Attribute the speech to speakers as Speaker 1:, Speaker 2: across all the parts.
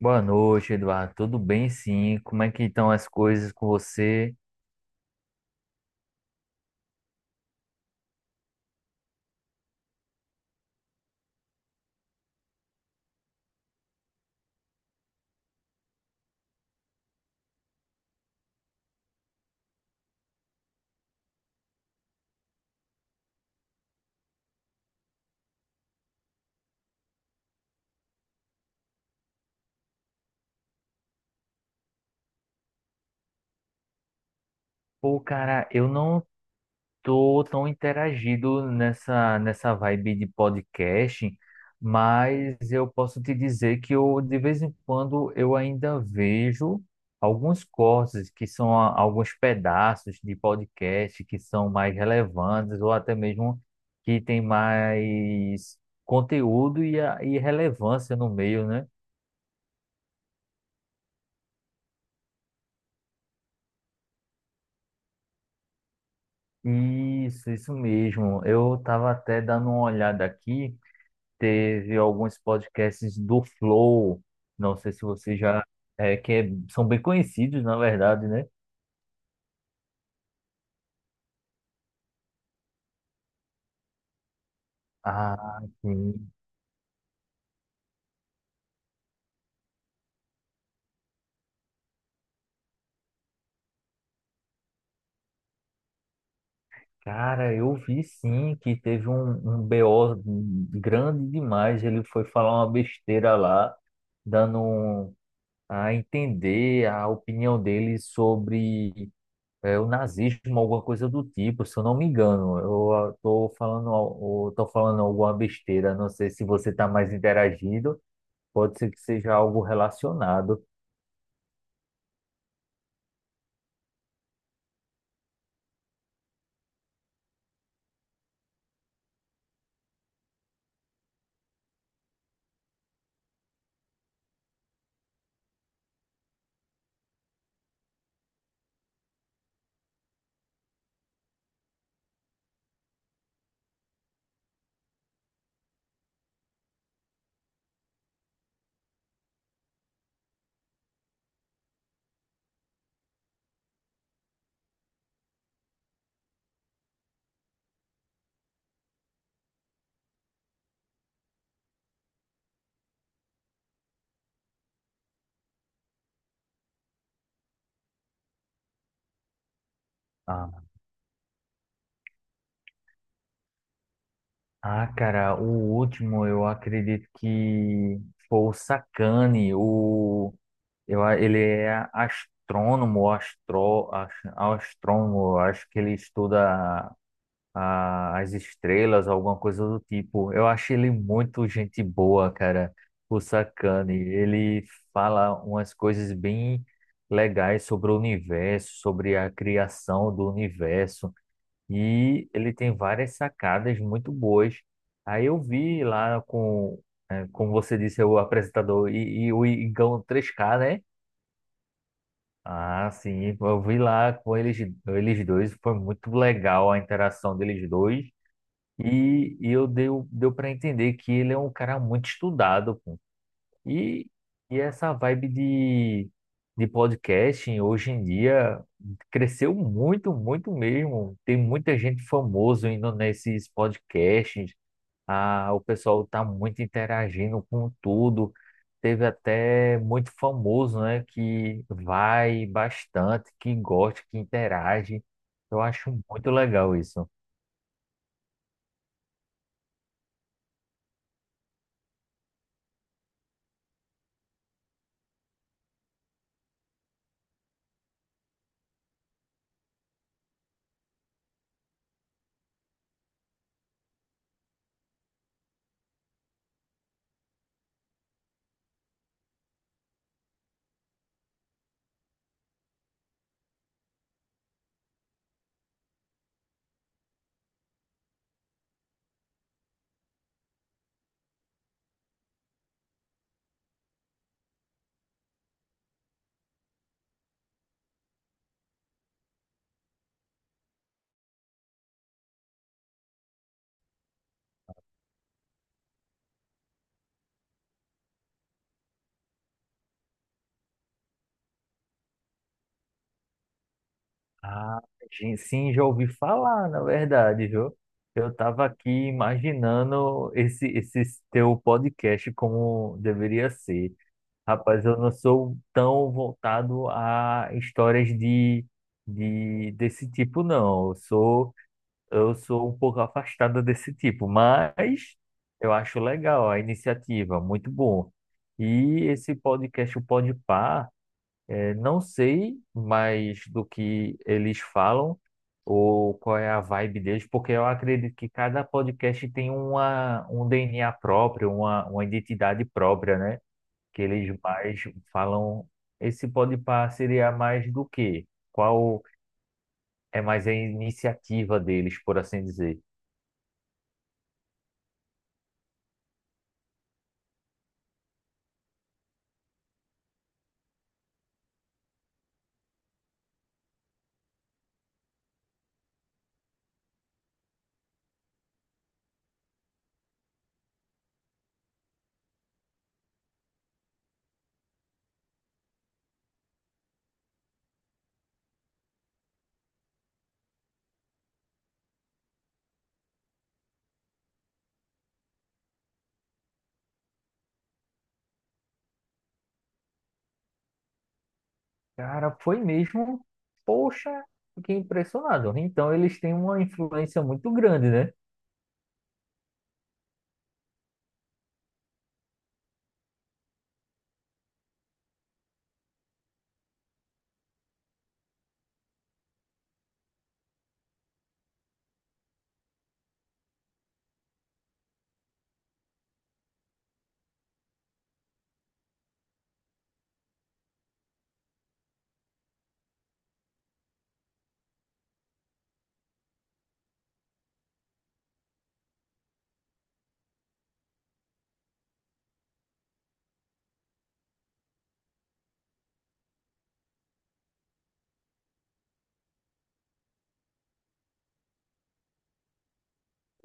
Speaker 1: Boa noite, Eduardo. Tudo bem, sim? Como é que estão as coisas com você? Pô, cara, eu não tô tão interagido nessa vibe de podcast, mas eu posso te dizer que eu de vez em quando eu ainda vejo alguns cortes alguns pedaços de podcast que são mais relevantes ou até mesmo que tem mais conteúdo e relevância no meio, né? Isso mesmo. Eu estava até dando uma olhada aqui. Teve alguns podcasts do Flow. Não sei se você já são bem conhecidos, na verdade, né? Ah, sim. Cara, eu vi sim que teve um BO grande demais. Ele foi falar uma besteira lá, dando um- a entender a opinião dele sobre é o nazismo, alguma coisa do tipo, se eu não me engano. Eu tô falando alguma besteira, não sei se você está mais interagido, pode ser que seja algo relacionado. Ah, Cara, o último eu acredito que foi o Sacani, ele é astrônomo, eu acho que ele estuda as estrelas, alguma coisa do tipo. Eu achei ele muito gente boa, cara. O Sakane, ele fala umas coisas bem legais sobre o universo, sobre a criação do universo, e ele tem várias sacadas muito boas. Aí eu vi lá como você disse, o apresentador e o Igão 3K, né? Ah, sim, eu vi lá com eles dois, foi muito legal a interação deles dois. E deu para entender que ele é um cara muito estudado, pô. E, e essa vibe de podcasting hoje em dia cresceu muito, muito mesmo. Tem muita gente famosa indo nesses podcasts. Ah, o pessoal tá muito interagindo com tudo. Teve até muito famoso, né, que vai bastante, que gosta, que interage. Eu acho muito legal isso. Ah, sim, já ouvi falar, na verdade, viu? Eu estava aqui imaginando esse teu podcast como deveria ser. Rapaz, eu não sou tão voltado a histórias de desse tipo, não. Eu sou um pouco afastado desse tipo, mas eu acho legal a iniciativa, muito bom. E esse podcast, o Podpah. É, não sei mais do que eles falam ou qual é a vibe deles, porque eu acredito que cada podcast tem um DNA próprio, uma identidade própria, né? Que eles mais falam. Esse podpar seria mais do quê? Qual é mais a iniciativa deles, por assim dizer? Cara, foi mesmo. Poxa, fiquei impressionado. Então, eles têm uma influência muito grande, né?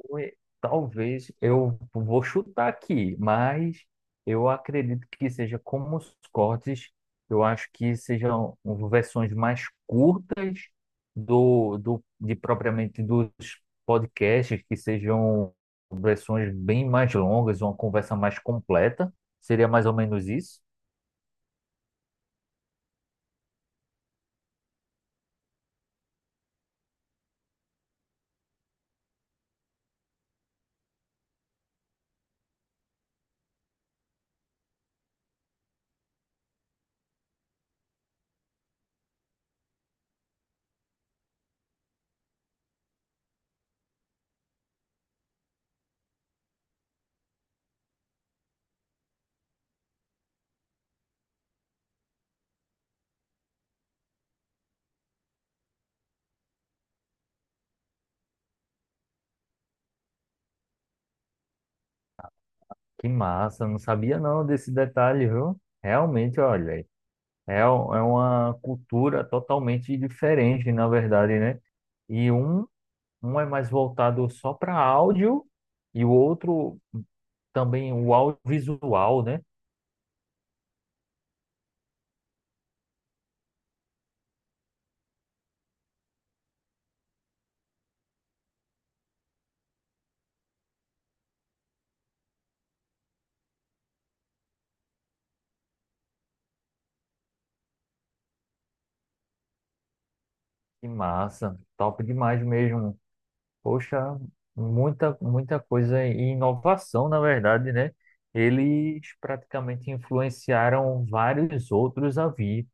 Speaker 1: Ué, talvez eu vou chutar aqui, mas eu acredito que seja como os cortes, eu acho que sejam versões mais curtas do, do de propriamente dos podcasts, que sejam versões bem mais longas, uma conversa mais completa. Seria mais ou menos isso? Que massa, não sabia não desse detalhe, viu? Realmente, olha. É, é uma cultura totalmente diferente, na verdade, né? E um é mais voltado só para áudio e o outro também o audiovisual, né? Que massa, top demais mesmo. Poxa, muita, muita coisa e inovação, na verdade, né? Eles praticamente influenciaram vários outros a vir.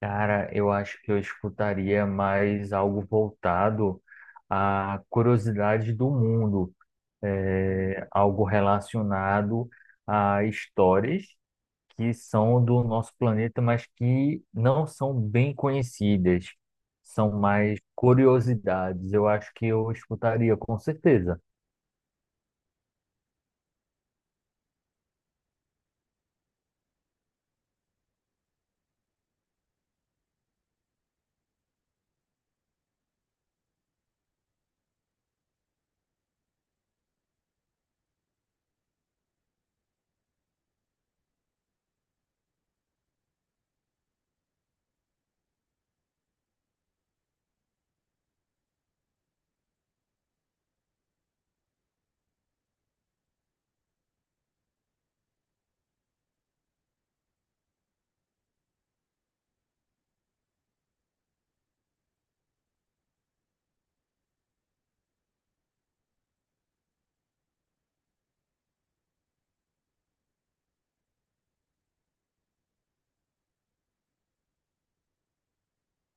Speaker 1: Cara, eu acho que eu escutaria mais algo voltado à curiosidade do mundo algo relacionado a histórias que são do nosso planeta, mas que não são bem conhecidas, são mais curiosidades. Eu acho que eu escutaria com certeza.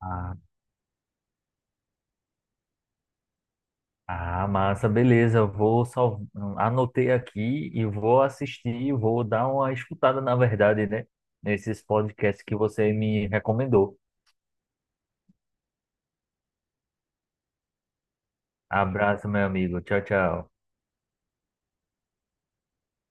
Speaker 1: Ah, massa, beleza. Anotei aqui e vou assistir, vou dar uma escutada, na verdade, né? Nesses podcasts que você me recomendou. Abraço, meu amigo. Tchau, tchau.